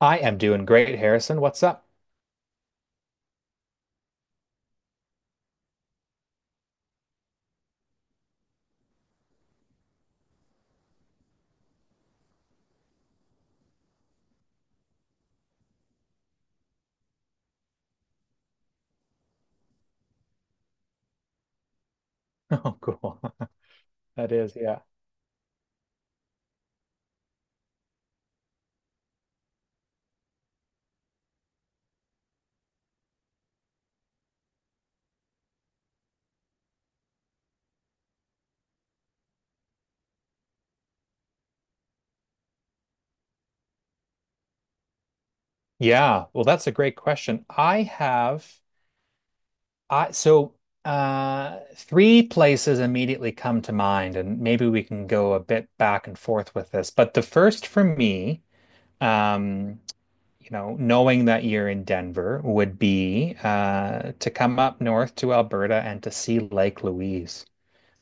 I am doing great, Harrison. What's up? Oh, cool. That is, yeah. Yeah. Well, that's a great question. I have I so three places immediately come to mind, and maybe we can go a bit back and forth with this. But the first for me, um, you know, knowing that you're in Denver would be to come up north to Alberta and to see Lake Louise.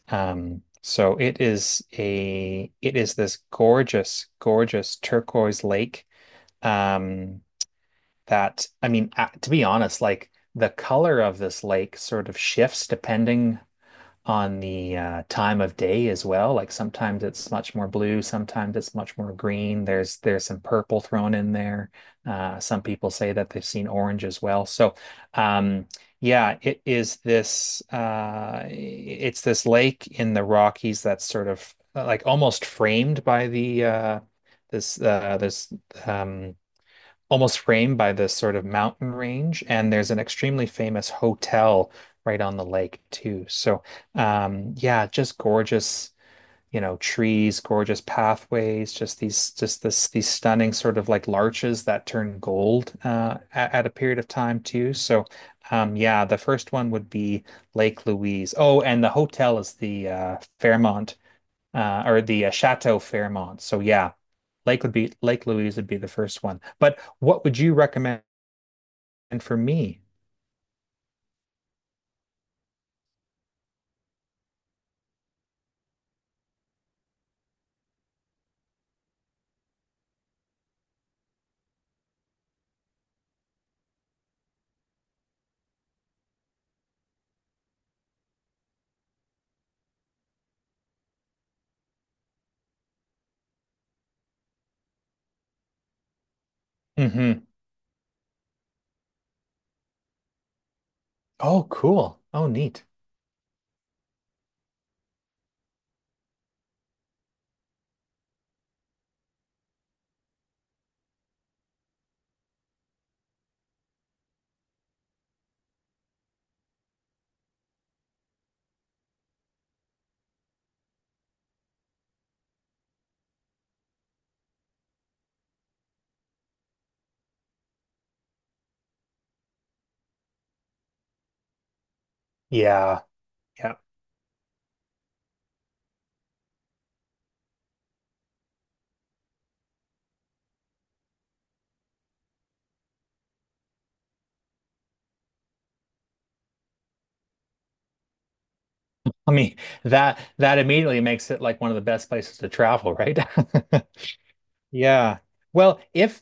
So it is this gorgeous, gorgeous turquoise lake. Um, that I mean, to be honest, like the color of this lake sort of shifts depending on the time of day as well. Like sometimes it's much more blue, sometimes it's much more green. There's some purple thrown in there. Some people say that they've seen orange as well. So um, yeah, it is this it's this lake in the Rockies that's sort of like almost framed by the this this um, almost framed by this sort of mountain range, and there's an extremely famous hotel right on the lake too. So, yeah, just gorgeous, you know, trees, gorgeous pathways, just these, just this, these stunning sort of like larches that turn gold at a period of time too. So, yeah, the first one would be Lake Louise. Oh, and the hotel is the Fairmont. Or the Chateau Fairmont. So yeah, Lake Louise would be the first one. But what would you recommend for me? Mm-hmm. Oh, cool. Oh, neat. Yeah. Yeah. I mean, that immediately makes it like one of the best places to travel, right? Yeah. Well, if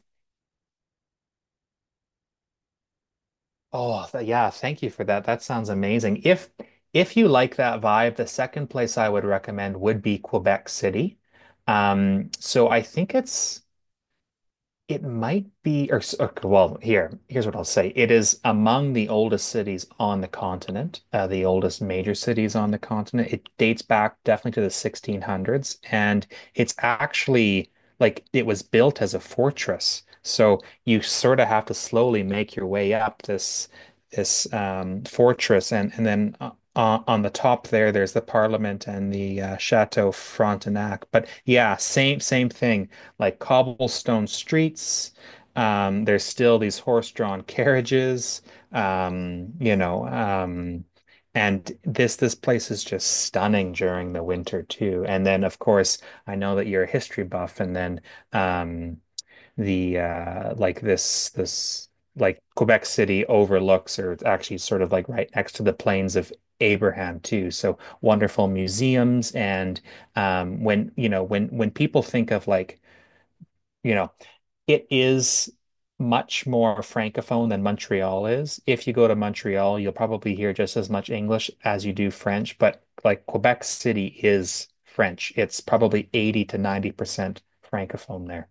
oh, yeah, thank you for that. That sounds amazing. If you like that vibe, the second place I would recommend would be Quebec City. So I think it's It might be, or, s- okay, well, here's what I'll say. It is among the oldest cities on the continent, the oldest major cities on the continent. It dates back definitely to the 1600s, and it's actually like it was built as a fortress. So you sort of have to slowly make your way up this fortress, and then on the top there, there's the Parliament and the Chateau Frontenac. But yeah, same thing like cobblestone streets. There's still these horse-drawn carriages, um, you know, um, and this place is just stunning during the winter too. And then, of course, I know that you're a history buff, and then um, the like this like Quebec City overlooks, or it's actually sort of like right next to the plains of Abraham too. So wonderful museums, and when when people think of like you know it is much more francophone than Montreal is. If you go to Montreal, you'll probably hear just as much English as you do French, but like Quebec City is French. It's probably 80 to 90% francophone there.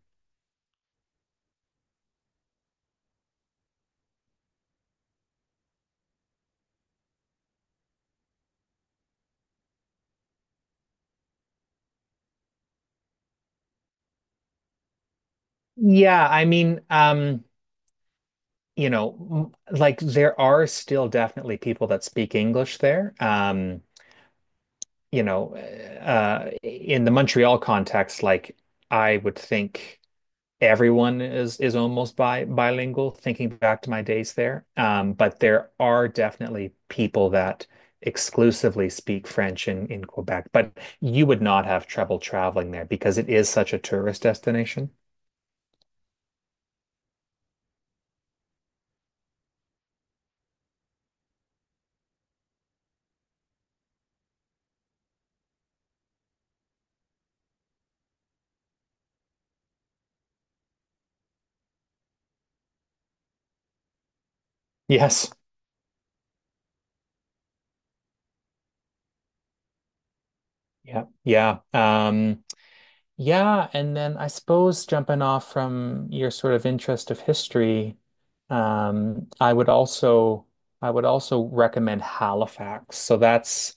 Yeah, I mean, you know, like there are still definitely people that speak English there. You know, in the Montreal context, like I would think everyone is almost bi bilingual, thinking back to my days there, but there are definitely people that exclusively speak French in Quebec, but you would not have trouble traveling there because it is such a tourist destination. yes yeah yeah um Yeah, and then I suppose jumping off from your sort of interest of history, um, I would also I would also recommend Halifax. So that's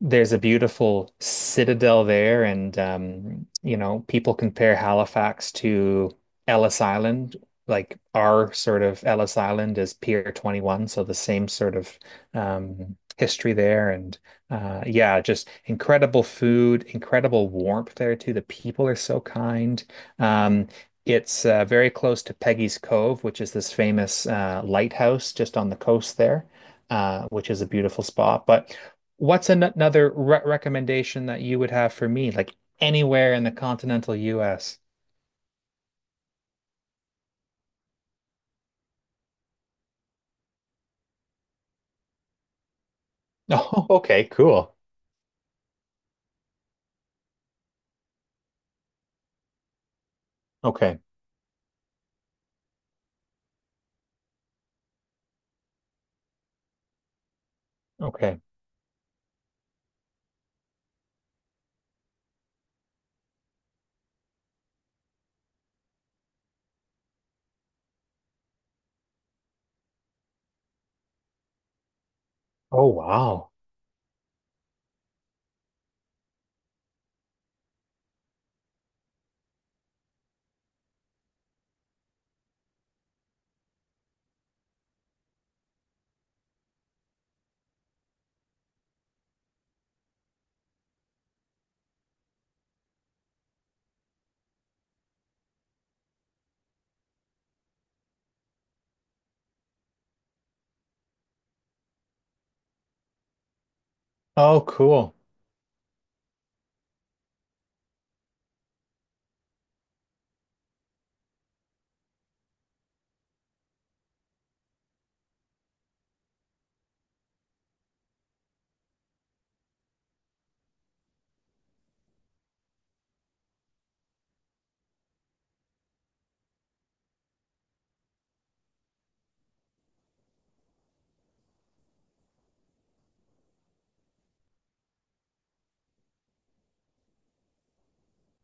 there's a beautiful citadel there, and you know, people compare Halifax to Ellis Island. Like our sort of Ellis Island is Pier 21, so the same sort of history there, and yeah, just incredible food, incredible warmth there too. The people are so kind. Um, it's very close to Peggy's Cove, which is this famous lighthouse just on the coast there, which is a beautiful spot. But what's an another re recommendation that you would have for me, like anywhere in the continental US? Oh, okay, cool. Okay, okay. Oh, wow. Oh, cool.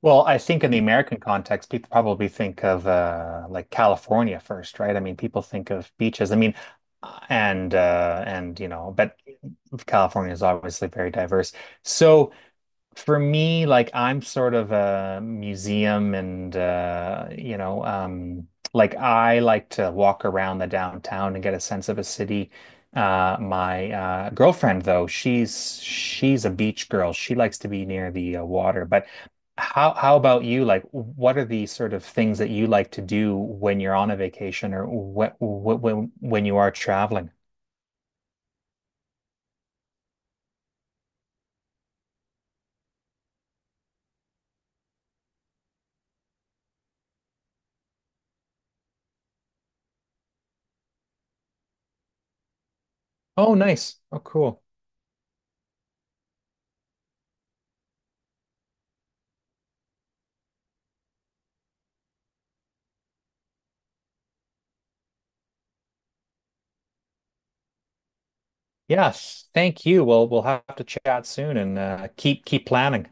Well, I think in the American context, people probably think of like California first, right? I mean, people think of beaches. I mean, and you know, but California is obviously very diverse. So for me, like I'm sort of a museum like I like to walk around the downtown and get a sense of a city. My girlfriend though, she's a beach girl. She likes to be near the water. But how about you? Like, what are the sort of things that you like to do when you're on a vacation, or what when you are traveling? Oh, nice. Oh, cool. Yes, thank you. Well, we'll have to chat soon and keep planning.